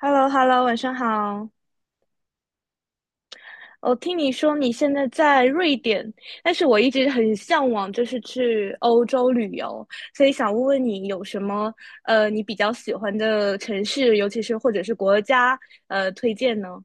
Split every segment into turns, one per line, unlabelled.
h e l l o h e l l o 晚上好。我听你说你现在在瑞典，但是我一直很向往，就是去欧洲旅游，所以想问问你有什么你比较喜欢的城市，尤其是或者是国家推荐呢？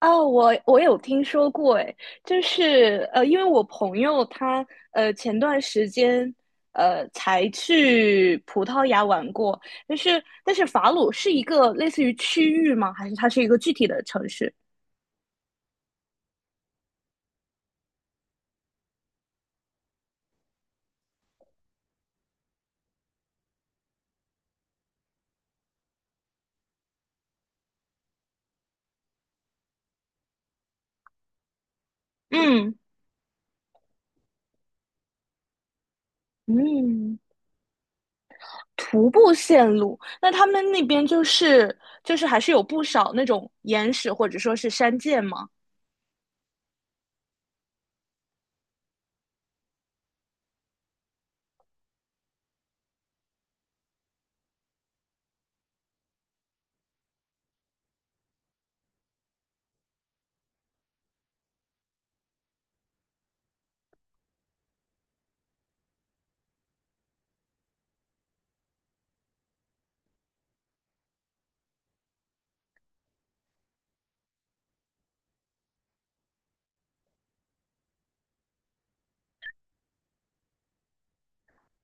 哦，我有听说过，诶，就是因为我朋友他前段时间才去葡萄牙玩过，但是法鲁是一个类似于区域吗？还是它是一个具体的城市？嗯。嗯，徒步线路，那他们那边就是还是有不少那种岩石或者说是山涧吗？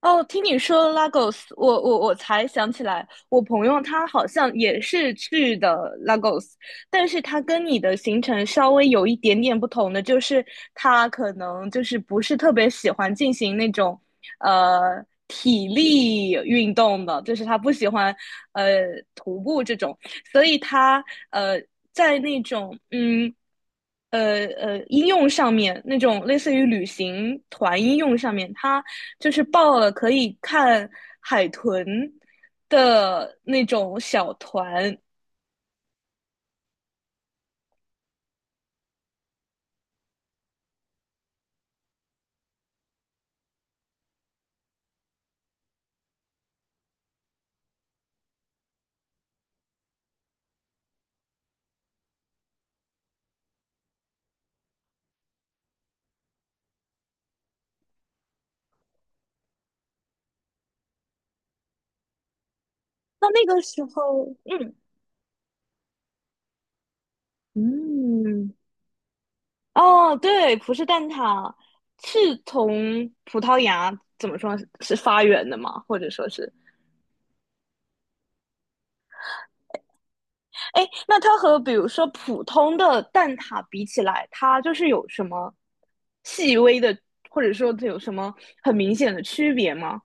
哦，听你说 Lagos，我才想起来，我朋友他好像也是去的 Lagos，但是他跟你的行程稍微有一点点不同的，就是他可能就是不是特别喜欢进行那种体力运动的，就是他不喜欢呃徒步这种，所以他呃在那种应用上面那种类似于旅行团应用上面，它就是报了可以看海豚的那种小团。那那个时候，嗯。嗯，哦，对，葡式蛋挞是从葡萄牙怎么说是发源的吗？或者说是？哎，那它和比如说普通的蛋挞比起来，它就是有什么细微的，或者说它有什么很明显的区别吗？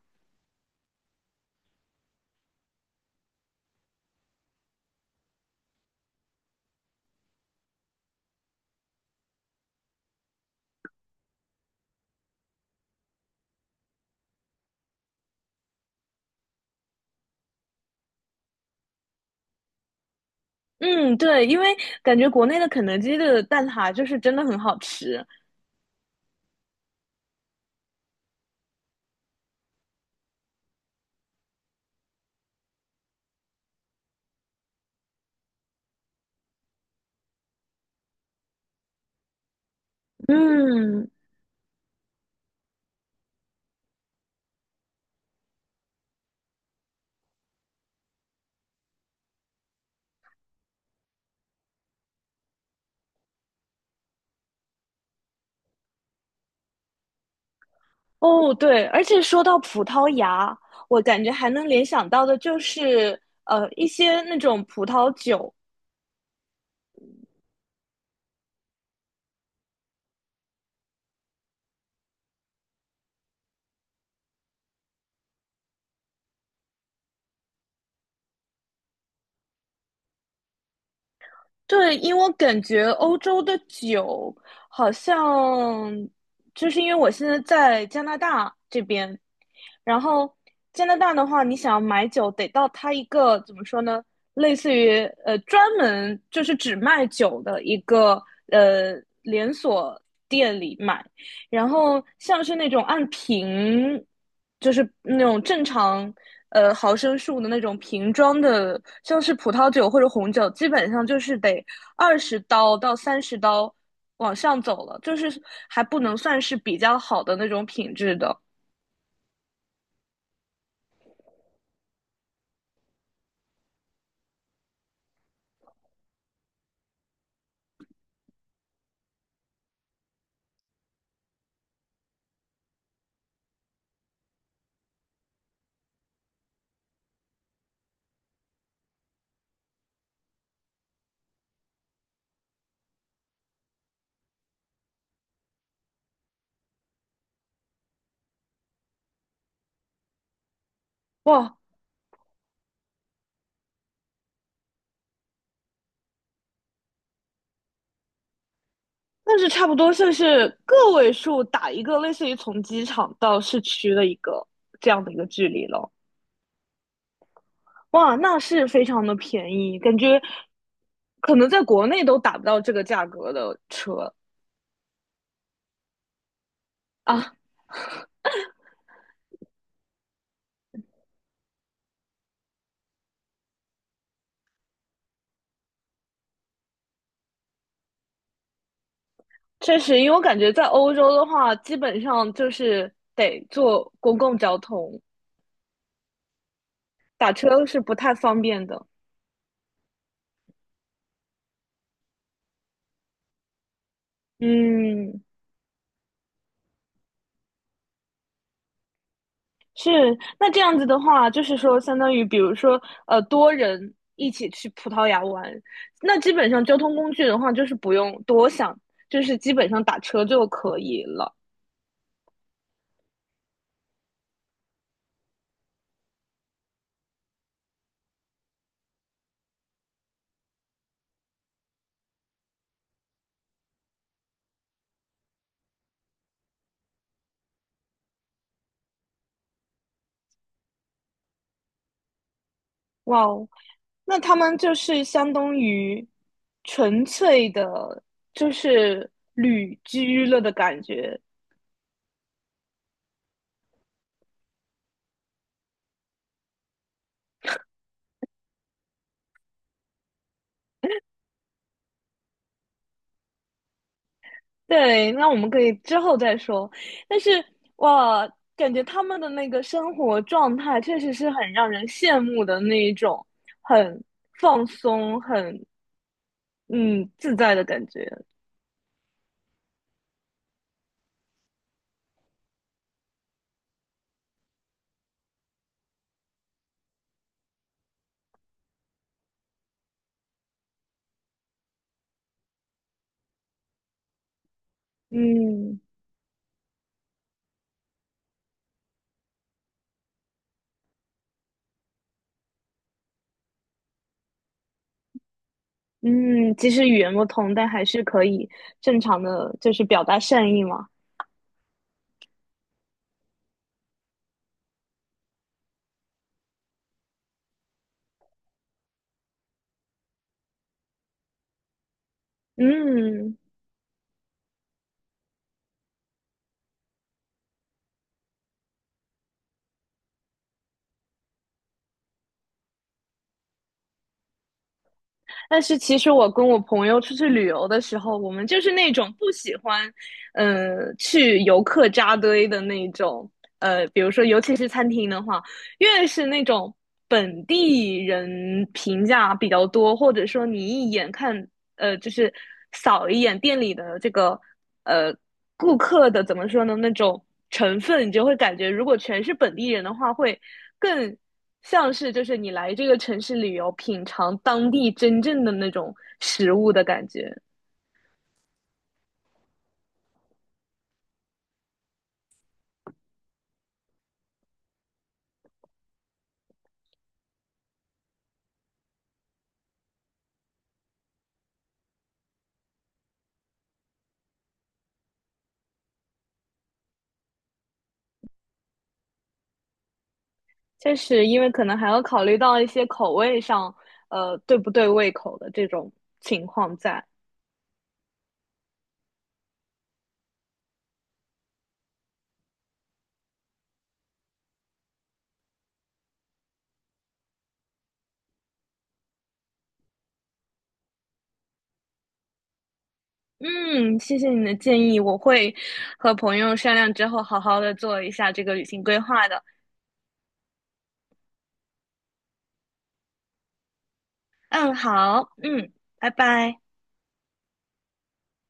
嗯，对，因为感觉国内的肯德基的蛋挞就是真的很好吃。嗯，哦，对，而且说到葡萄牙，我感觉还能联想到的就是一些那种葡萄酒，对，因为我感觉欧洲的酒好像，就是因为我现在在加拿大这边，然后加拿大的话，你想要买酒，得到它一个怎么说呢，类似于专门就是只卖酒的一个呃连锁店里买，然后像是那种按瓶就是那种正常毫升数的那种瓶装的，像是葡萄酒或者红酒，基本上就是得20刀到30刀往上走了，就是还不能算是比较好的那种品质的。哇，那是差不多算是个位数打一个类似于从机场到市区的一个这样的一个距离了。哇，那是非常的便宜，感觉可能在国内都打不到这个价格的车啊。确实，因为我感觉在欧洲的话，基本上就是得坐公共交通，打车是不太方便的。嗯，是。那这样子的话，就是说，相当于比如说，呃，多人一起去葡萄牙玩，那基本上交通工具的话，就是不用多想，就是基本上打车就可以了。哇哦，那他们就是相当于纯粹的，就是旅居了的感觉。对，那我们可以之后再说。但是哇，感觉他们的那个生活状态确实是很让人羡慕的那一种，很放松、很嗯自在的感觉。嗯。嗯，其实语言不通，但还是可以正常的，就是表达善意嘛。嗯。但是其实我跟我朋友出去旅游的时候，我们就是那种不喜欢，嗯，去游客扎堆的那种，呃，比如说尤其是餐厅的话，越是那种本地人评价比较多，或者说你一眼看，呃，就是扫一眼店里的这个，呃，顾客的怎么说呢那种成分，你就会感觉如果全是本地人的话，会更像是就是你来这个城市旅游，品尝当地真正的那种食物的感觉。确实，因为可能还要考虑到一些口味上，呃，对不对胃口的这种情况在。嗯，谢谢你的建议，我会和朋友商量之后，好好的做一下这个旅行规划的。嗯，好，嗯，拜拜。